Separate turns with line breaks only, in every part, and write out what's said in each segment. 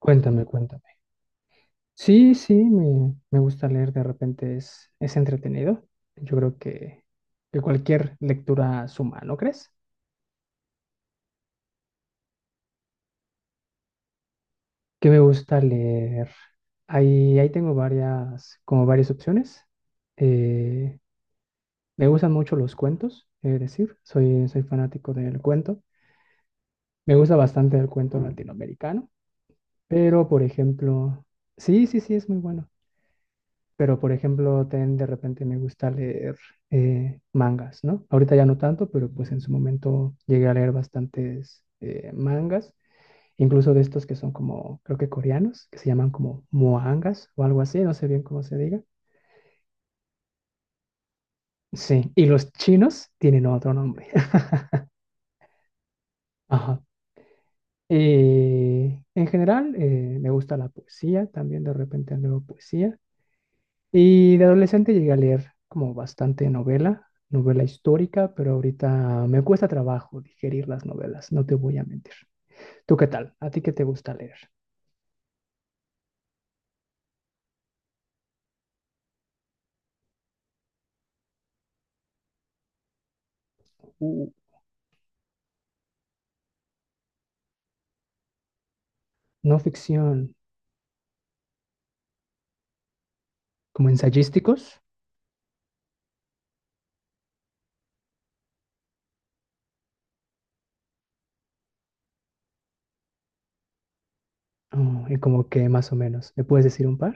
Cuéntame, cuéntame. Sí, sí, me gusta leer, de repente es entretenido. Yo creo que cualquier lectura suma, ¿no crees? ¿Qué me gusta leer? Ahí tengo varias, como varias opciones. Eh, Me gustan mucho los cuentos, es decir, soy fanático del cuento. Me gusta bastante el cuento latinoamericano, pero por ejemplo, sí, sí, sí, es muy bueno. Pero, por ejemplo, ten de repente me gusta leer mangas, ¿no? Ahorita ya no tanto, pero pues en su momento llegué a leer bastantes mangas, incluso de estos que son como, creo que coreanos, que se llaman como moangas o algo así, no sé bien cómo se diga. Sí, y los chinos tienen otro nombre. Ajá. Y en general, me gusta la poesía, también de repente leo poesía. Y de adolescente llegué a leer como bastante novela, novela histórica, pero ahorita me cuesta trabajo digerir las novelas, no te voy a mentir. ¿Tú qué tal? ¿A ti qué te gusta leer? Uh, no ficción, como ensayísticos. Oh, y como que más o menos. ¿Me puedes decir un par?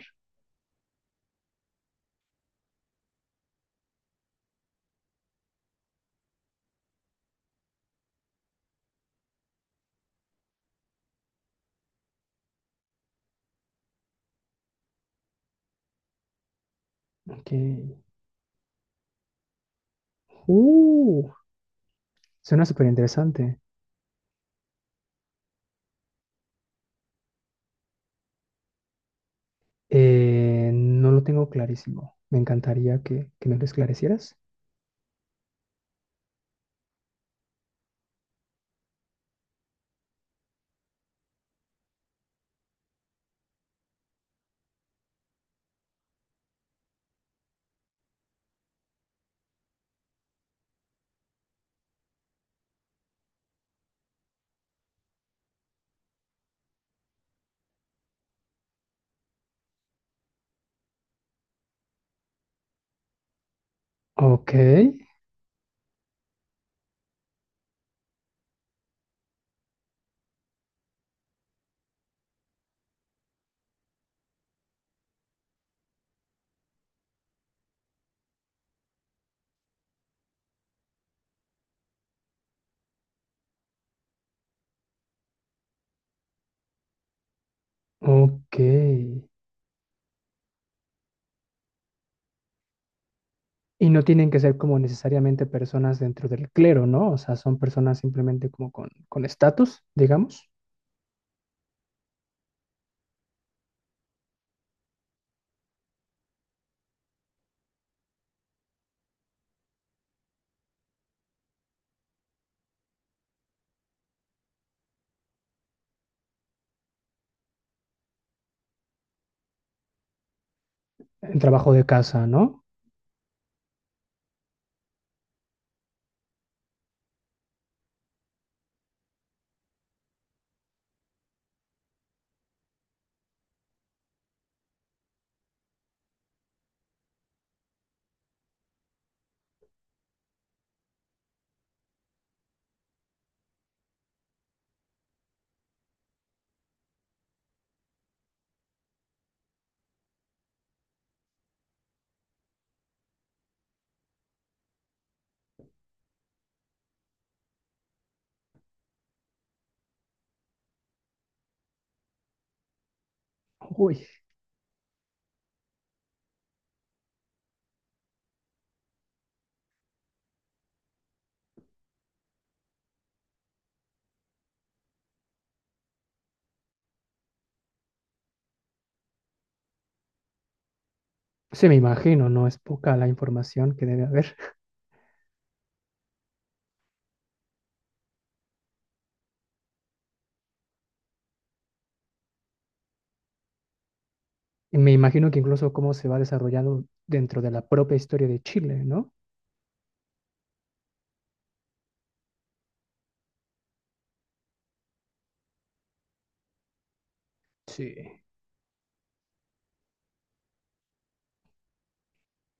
Ok. Uh, Suena súper interesante. No lo tengo clarísimo. Me encantaría que me lo esclarecieras. Ok, ok. Y no tienen que ser como necesariamente personas dentro del clero, ¿no? O sea, son personas simplemente como con estatus, digamos, en trabajo de casa, ¿no? Uy, se me imagino, no es poca la información que debe haber. Y me imagino que incluso cómo se va desarrollando dentro de la propia historia de Chile, ¿no? Sí.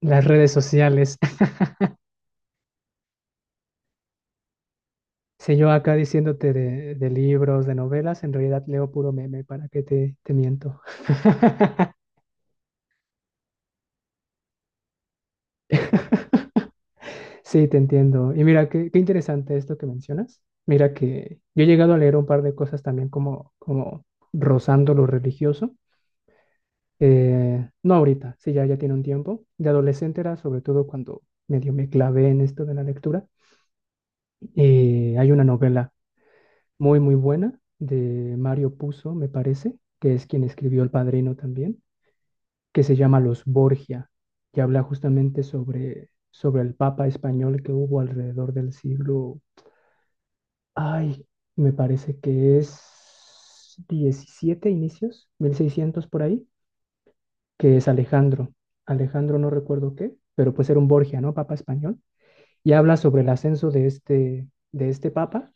Las redes sociales. Si yo acá diciéndote de libros, de novelas, en realidad leo puro meme, ¿para qué te miento? Sí, te entiendo. Y mira, qué interesante esto que mencionas. Mira que yo he llegado a leer un par de cosas también como, como rozando lo religioso. No ahorita, sí, ya, ya tiene un tiempo. De adolescente era sobre todo cuando medio me clavé en esto de la lectura. Hay una novela muy, muy buena de Mario Puzo, me parece, que es quien escribió El Padrino también, que se llama Los Borgia, que habla justamente sobre el papa español que hubo alrededor del siglo Ay, me parece que es 17 inicios, 1600 por ahí, que es Alejandro. Alejandro no recuerdo qué, pero pues era un Borgia, ¿no? Papa español. Y habla sobre el ascenso de este papa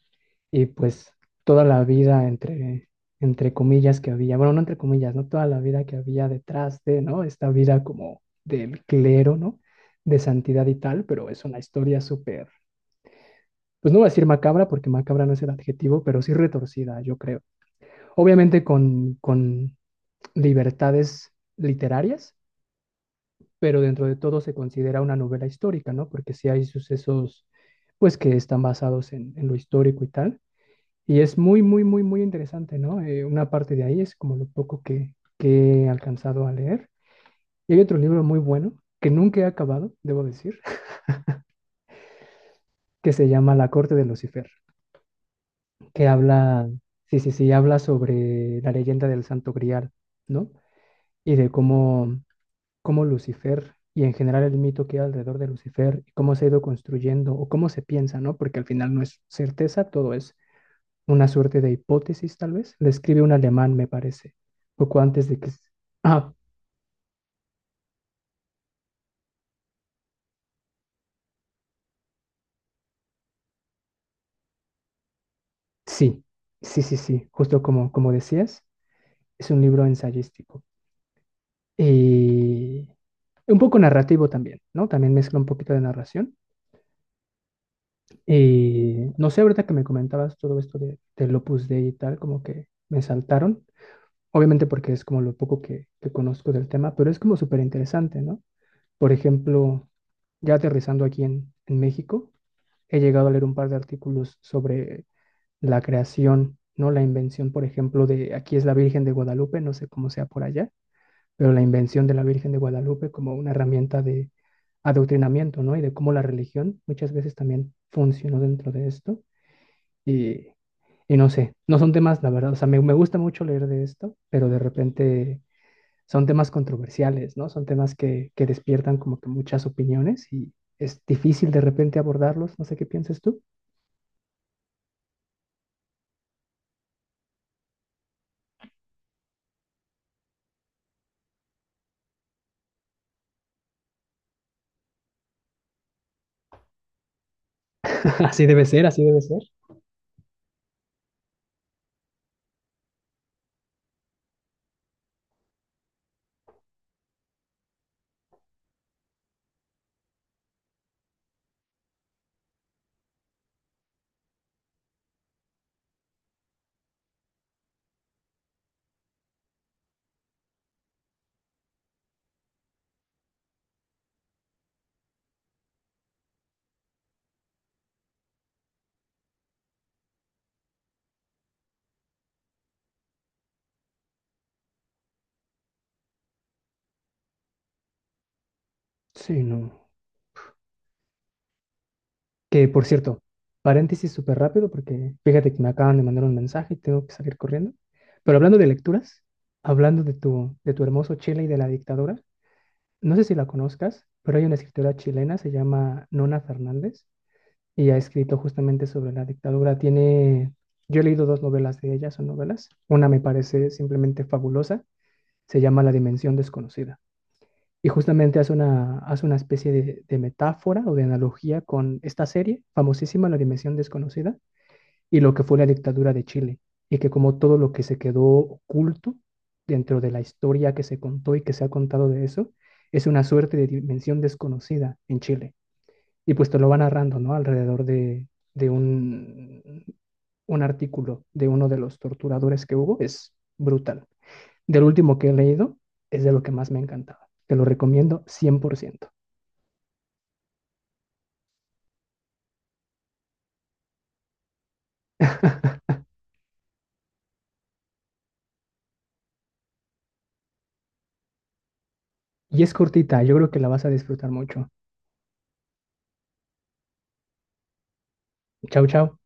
y pues toda la vida entre comillas que había, bueno, no entre comillas, ¿no? Toda la vida que había detrás de, ¿no? Esta vida como del clero, ¿no? De santidad y tal, pero es una historia súper pues no voy a decir macabra porque macabra no es el adjetivo, pero sí retorcida, yo creo. Obviamente con libertades literarias, pero dentro de todo se considera una novela histórica, ¿no? Porque sí hay sucesos, pues, que están basados en lo histórico y tal. Y es muy, muy, muy, muy interesante, ¿no? Una parte de ahí es como lo poco que he alcanzado a leer. Y hay otro libro muy bueno que nunca he acabado, debo decir, que se llama La Corte de Lucifer, que habla, sí, sí, sí, habla sobre la leyenda del Santo Grial, ¿no? Y de cómo Lucifer y en general el mito que hay alrededor de Lucifer y cómo se ha ido construyendo o cómo se piensa, ¿no? Porque al final no es certeza, todo es una suerte de hipótesis tal vez. Le escribe un alemán, me parece, poco antes de que... Ah, sí, sí, sí, sí, justo como, como decías, es un libro ensayístico y un poco narrativo también, ¿no? También mezcla un poquito de narración. Y no sé, ahorita que me comentabas todo esto del Opus Dei y tal, como que me saltaron obviamente porque es como lo poco que conozco del tema, pero es como súper interesante, ¿no? Por ejemplo, ya aterrizando aquí en México, he llegado a leer un par de artículos sobre la creación, ¿no? La invención, por ejemplo, de aquí es la Virgen de Guadalupe, no sé cómo sea por allá, pero la invención de la Virgen de Guadalupe como una herramienta de adoctrinamiento, ¿no? Y de cómo la religión muchas veces también funcionó dentro de esto. Y, y no sé, no son temas, la verdad, o sea, me gusta mucho leer de esto, pero de repente son temas controversiales, ¿no? Son temas que despiertan como que muchas opiniones y es difícil de repente abordarlos, no sé qué piensas tú. Así debe ser, así debe ser. Sí, no. Que por cierto, paréntesis súper rápido porque fíjate que me acaban de mandar un mensaje y tengo que salir corriendo. Pero hablando de lecturas, hablando de tu hermoso Chile y de la dictadura, no sé si la conozcas, pero hay una escritora chilena, se llama Nona Fernández. Y ha escrito justamente sobre la dictadura. Tiene, yo he leído 2 novelas de ella, son novelas. Una me parece simplemente fabulosa, se llama La Dimensión Desconocida. Y justamente hace una especie de metáfora o de analogía con esta serie famosísima, La Dimensión Desconocida, y lo que fue la dictadura de Chile. Y que como todo lo que se quedó oculto dentro de la historia que se contó y que se ha contado de eso, es una suerte de dimensión desconocida en Chile y pues te lo va narrando, ¿no? Alrededor de, de un artículo de uno de los torturadores que hubo, es brutal. Del último que he leído, es de lo que más me encantaba. Te lo recomiendo 100%. Y es cortita, yo creo que la vas a disfrutar mucho. Chao, chao.